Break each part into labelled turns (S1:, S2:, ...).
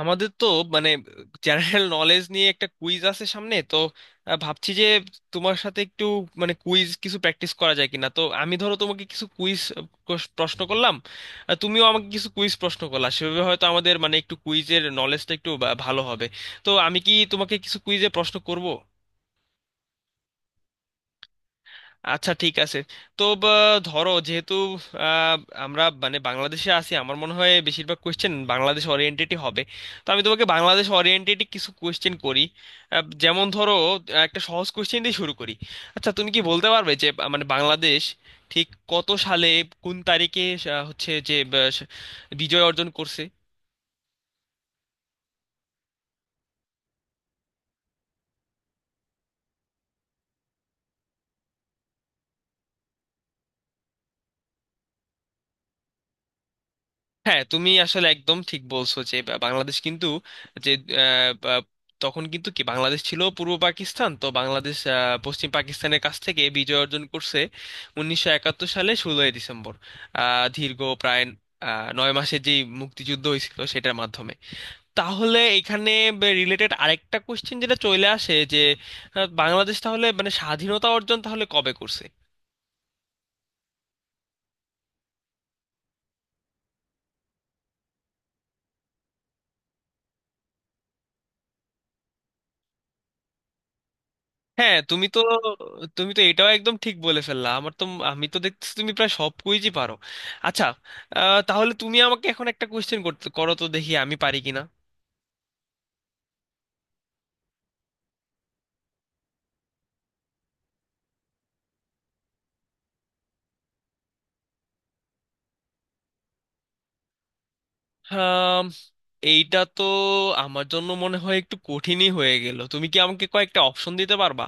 S1: আমাদের তো মানে জেনারেল নলেজ নিয়ে একটা কুইজ আছে সামনে। তো ভাবছি যে তোমার সাথে একটু মানে কুইজ কিছু প্র্যাকটিস করা যায় কিনা। তো আমি, ধরো, তোমাকে কিছু কুইজ প্রশ্ন করলাম, আর তুমিও আমাকে কিছু কুইজ প্রশ্ন করলা। সেভাবে হয়তো আমাদের মানে একটু কুইজের নলেজটা একটু ভালো হবে। তো আমি কি তোমাকে কিছু কুইজে প্রশ্ন করব? আচ্ছা, ঠিক আছে। তো ধরো, যেহেতু আহ, আমরা মানে বাংলাদেশে আছি, আমার মনে হয় বেশিরভাগ কোয়েশ্চেন বাংলাদেশ ওরিয়েন্টেডই হবে। তো আমি তোমাকে বাংলাদেশ ওরিয়েন্টেডই কিছু কোয়েশ্চেন করি। যেমন ধরো, একটা সহজ কোয়েশ্চেন দিয়ে শুরু করি। আচ্ছা, তুমি কি বলতে পারবে যে মানে বাংলাদেশ ঠিক কত সালে, কোন তারিখে হচ্ছে যে বিজয় অর্জন করছে? হ্যাঁ, তুমি আসলে একদম ঠিক বলছো যে বাংলাদেশ কিন্তু যে আহ, বা- তখন কিন্তু কি বাংলাদেশ ছিল পূর্ব পাকিস্তান। তো বাংলাদেশ পশ্চিম পাকিস্তানের কাছ থেকে বিজয় অর্জন করছে 1971 সালে 16ই ডিসেম্বর, দীর্ঘ প্রায় 9 মাসের যে মুক্তিযুদ্ধ হয়েছিল সেটার মাধ্যমে। তাহলে এখানে রিলেটেড আরেকটা কোশ্চেন যেটা চলে আসে যে বাংলাদেশ তাহলে মানে স্বাধীনতা অর্জন তাহলে কবে করছে? হ্যাঁ, তুমি তো এটাও একদম ঠিক বলে ফেললা। আমার তো আমি তো দেখতেছি তুমি প্রায় সব কুইজই পারো। আচ্ছা, তাহলে তুমি আমাকে এখন একটা কোয়েশ্চেন করতে করো তো, দেখি আমি পারি কিনা। আম, এইটা তো আমার জন্য মনে হয় একটু কঠিনই হয়ে গেল। তুমি কি আমাকে কয়েকটা অপশন দিতে পারবা?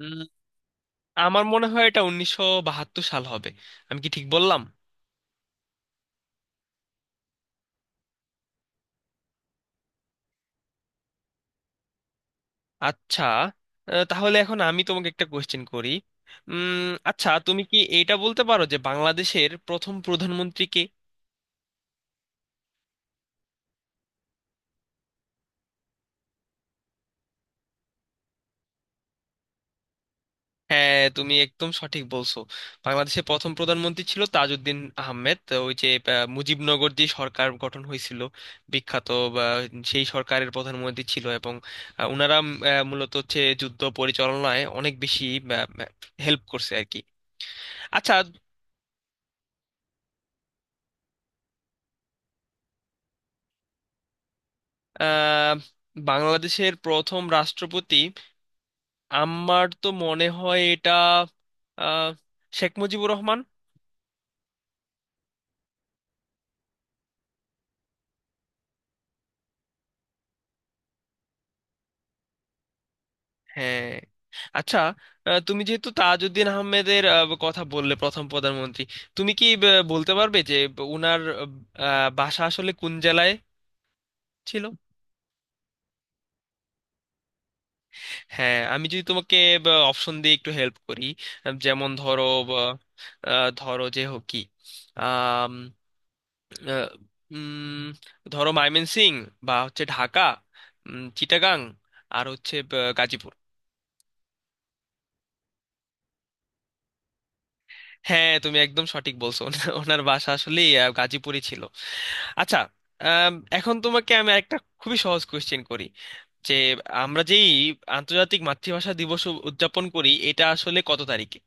S1: উম, আমার মনে হয় এটা 1972 সাল হবে। আমি কি ঠিক বললাম? আচ্ছা, তাহলে এখন আমি তোমাকে একটা কোয়েশ্চেন করি। আচ্ছা, তুমি কি এটা বলতে পারো যে বাংলাদেশের প্রথম প্রধানমন্ত্রী কে? হ্যাঁ, তুমি একদম সঠিক বলছো। বাংলাদেশের প্রথম প্রধানমন্ত্রী ছিল তাজউদ্দিন আহমেদ। তো ওই যে মুজিবনগর যে সরকার গঠন হয়েছিল বিখ্যাত, বা সেই সরকারের প্রধানমন্ত্রী ছিল, এবং ওনারা মূলত হচ্ছে যুদ্ধ পরিচালনায় অনেক বেশি হেল্প করছে আর কি। আচ্ছা। আহ, বাংলাদেশের প্রথম রাষ্ট্রপতি আমার তো মনে হয় এটা আহ, শেখ মুজিবুর রহমান। হ্যাঁ। আচ্ছা, তুমি যেহেতু তাজউদ্দিন আহমেদের কথা বললে প্রথম প্রধানমন্ত্রী, তুমি কি বলতে পারবে যে উনার বাসা আসলে কোন জেলায় ছিল? হ্যাঁ, আমি যদি তোমাকে অপশন দিয়ে একটু হেল্প করি। যেমন ধরো, আহ, আহ, ধরো যে হোক কি, আম, আহ, উম, ধরো ময়মনসিংহ বা হচ্ছে ঢাকা, চিটাগাং, আর হচ্ছে গাজীপুর। হ্যাঁ, তুমি একদম সঠিক বলছো। ওনার ওনার বাসা আসলে গাজীপুরই ছিল। আচ্ছা, আম, এখন তোমাকে আমি একটা খুবই সহজ কোশ্চেন করি যে আমরা যেই আন্তর্জাতিক মাতৃভাষা দিবস উদযাপন করি, এটা আসলে কত তারিখে?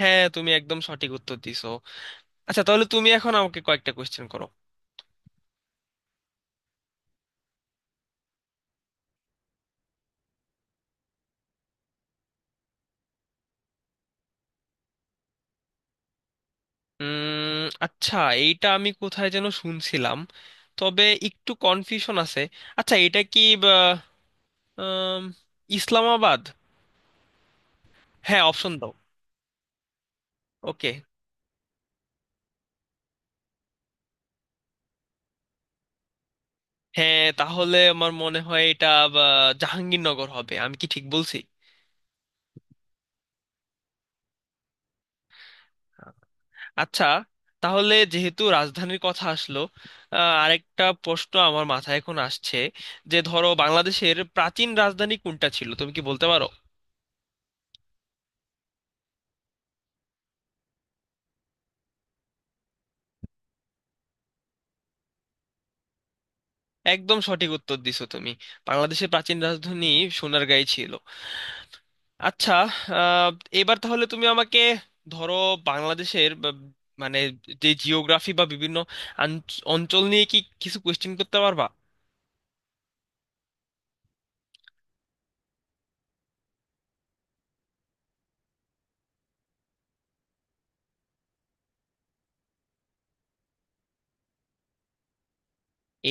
S1: হ্যাঁ, তুমি একদম সঠিক উত্তর দিছো। আচ্ছা, তাহলে তুমি এখন আমাকে কয়েকটা কোশ্চেন করো। উম আচ্ছা, এইটা আমি কোথায় যেন শুনছিলাম, তবে একটু কনফিউশন আছে। আচ্ছা, এটা কি আম, ইসলামাবাদ? হ্যাঁ, অপশন দাও। ওকে। হ্যাঁ, তাহলে আমার মনে হয় এটা বা, জাহাঙ্গীরনগর হবে। আমি কি ঠিক বলছি? আচ্ছা, তাহলে যেহেতু রাজধানীর কথা আসলো, আরেকটা প্রশ্ন আমার মাথায় এখন আসছে, যে ধরো বাংলাদেশের প্রাচীন রাজধানী কোনটা ছিল তুমি কি বলতে পারো? একদম সঠিক উত্তর দিছো তুমি। বাংলাদেশের প্রাচীন রাজধানী সোনারগাঁই ছিল। আচ্ছা, আহ, এবার তাহলে তুমি আমাকে ধরো বাংলাদেশের বা মানে যে জিওগ্রাফি বা বিভিন্ন অঞ্চল নিয়ে কি কিছু কোয়েশ্চেন করতে পারবা?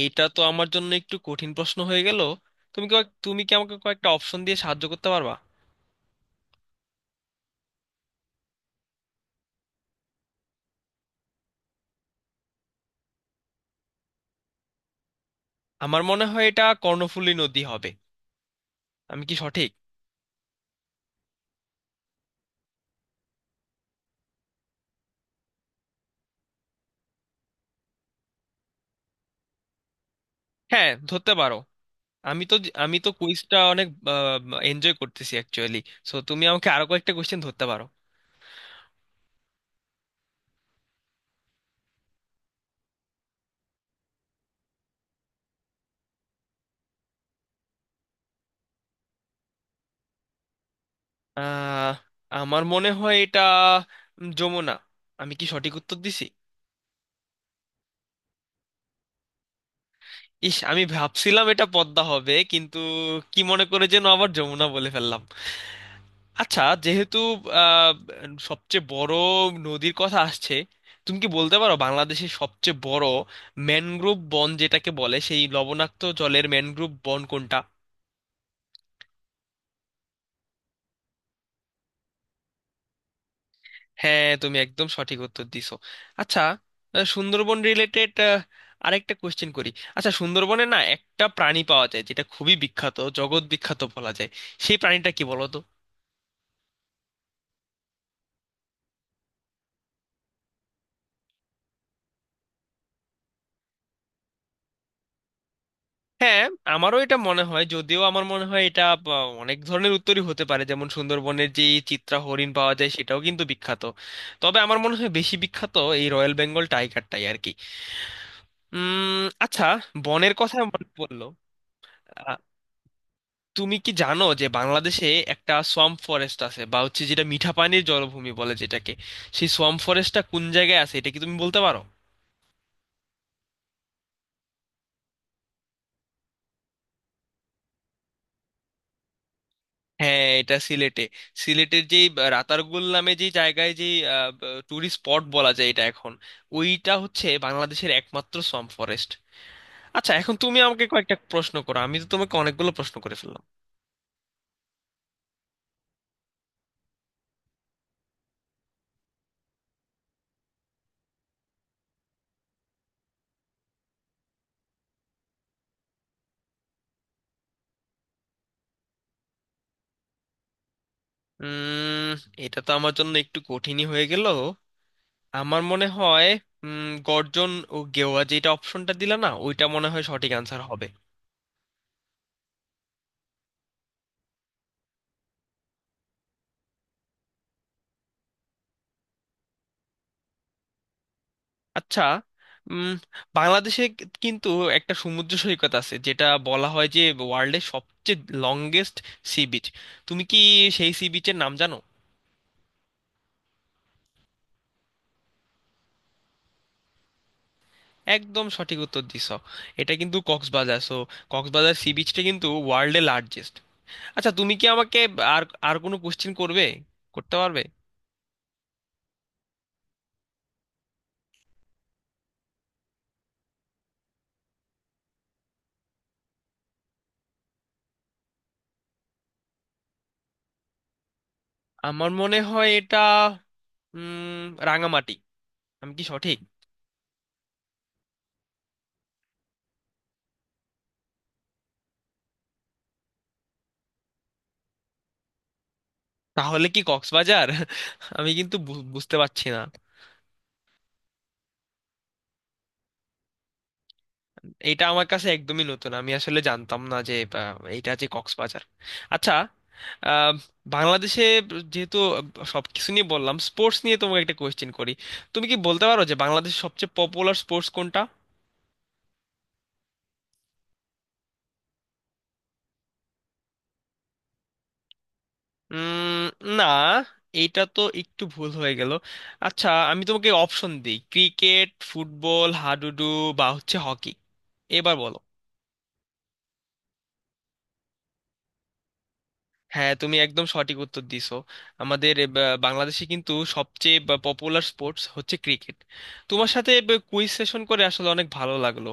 S1: এইটা তো আমার জন্য একটু কঠিন প্রশ্ন হয়ে গেল। তুমি কি তুমি কি আমাকে কয়েকটা অপশন দিয়ে সাহায্য করতে পারবা? আমার মনে হয় এটা কর্ণফুলী নদী হবে। আমি কি সঠিক? হ্যাঁ, ধরতে পারো। আমি তো আমি তো কুইজটা অনেক এনজয় করতেছি অ্যাকচুয়ালি। সো তুমি আমাকে আরো কয়েকটা কোয়েশ্চেন ধরতে পারো। আহ, আমার মনে হয় এটা যমুনা। আমি কি সঠিক উত্তর দিছি? ইস, আমি ভাবছিলাম এটা পদ্মা হবে, কিন্তু কি মনে করে যেন আবার যমুনা বলে ফেললাম। আচ্ছা, যেহেতু আহ, সবচেয়ে বড় নদীর কথা আসছে, তুমি কি বলতে পারো বাংলাদেশের সবচেয়ে বড় ম্যানগ্রোভ বন যেটাকে বলে, সেই লবণাক্ত জলের ম্যানগ্রোভ বন কোনটা? হ্যাঁ, তুমি একদম সঠিক উত্তর দিছো। আচ্ছা, সুন্দরবন রিলেটেড আরেকটা কোশ্চেন করি। আচ্ছা, সুন্দরবনে না একটা প্রাণী পাওয়া যায় যেটা খুবই বিখ্যাত, জগৎ বিখ্যাত বলা যায়। সেই প্রাণীটা কি বলো তো? হ্যাঁ, আমারও এটা মনে হয়, যদিও আমার মনে হয় এটা অনেক ধরনের উত্তরই হতে পারে। যেমন সুন্দরবনের যে এই চিত্রা হরিণ পাওয়া যায় সেটাও কিন্তু বিখ্যাত, তবে আমার মনে হয় বেশি বিখ্যাত এই রয়্যাল বেঙ্গল টাইগারটাই আর কি। উম আচ্ছা, বনের কথা মনে পড়লো। আহ, তুমি কি জানো যে বাংলাদেশে একটা সোয়াম্প ফরেস্ট আছে বা হচ্ছে, যেটা মিঠাপানির জলভূমি বলে যেটাকে, সেই সোয়াম্প ফরেস্টটা কোন জায়গায় আছে এটা কি তুমি বলতে পারো? হ্যাঁ, এটা সিলেটে। সিলেটের যেই রাতারগুল নামে যে জায়গায়, যে টুরিস্ট স্পট বলা যায় এটা এখন, ওইটা হচ্ছে বাংলাদেশের একমাত্র সোয়াম্প ফরেস্ট। আচ্ছা, এখন তুমি আমাকে কয়েকটা প্রশ্ন করো। আমি তো তোমাকে অনেকগুলো প্রশ্ন করে ফেললাম। উম এটা তো আমার জন্য একটু কঠিনই হয়ে গেল। আমার মনে হয় উম গর্জন ও গেওয়া যেটা অপশনটা দিলা না, ওইটা মনে হয় সঠিক আনসার হবে। আচ্ছা, উম, বাংলাদেশে কিন্তু একটা সমুদ্র সৈকত আছে যেটা বলা হয় যে ওয়ার্ল্ডের সবচেয়ে লংগেস্ট সি বিচ। তুমি কি সেই সি বিচের নাম জানো? একদম সঠিক উত্তর দিছো। এটা কিন্তু কক্সবাজার। সো কক্সবাজার সি বিচটা কিন্তু ওয়ার্ল্ডের লার্জেস্ট। আচ্ছা, তুমি কি আমাকে আর আর কোনো কোশ্চেন করবে, করতে পারবে? আমার মনে হয় এটা উম, রাঙামাটি। আমি কি সঠিক? তাহলে কি কক্সবাজার? আমি কিন্তু বুঝতে পারছি না। এটা আমার কাছে একদমই নতুন, আমি আসলে জানতাম না যে এইটা যে কক্সবাজার। আচ্ছা, আহ, বাংলাদেশে যেহেতু সবকিছু নিয়ে বললাম, স্পোর্টস নিয়ে তোমাকে একটা কোয়েশ্চেন করি। তুমি কি বলতে পারো যে বাংলাদেশের সবচেয়ে পপুলার স্পোর্টস কোনটা? উম, না, এইটা তো একটু ভুল হয়ে গেল। আচ্ছা, আমি তোমাকে অপশন দিই: ক্রিকেট, ফুটবল, হাডুডু, বা হচ্ছে হকি। এবার বলো। হ্যাঁ, তুমি একদম সঠিক উত্তর দিছো। আমাদের বাংলাদেশে কিন্তু সবচেয়ে পপুলার স্পোর্টস হচ্ছে ক্রিকেট। তোমার সাথে কুইজ সেশন করে আসলে অনেক ভালো লাগলো।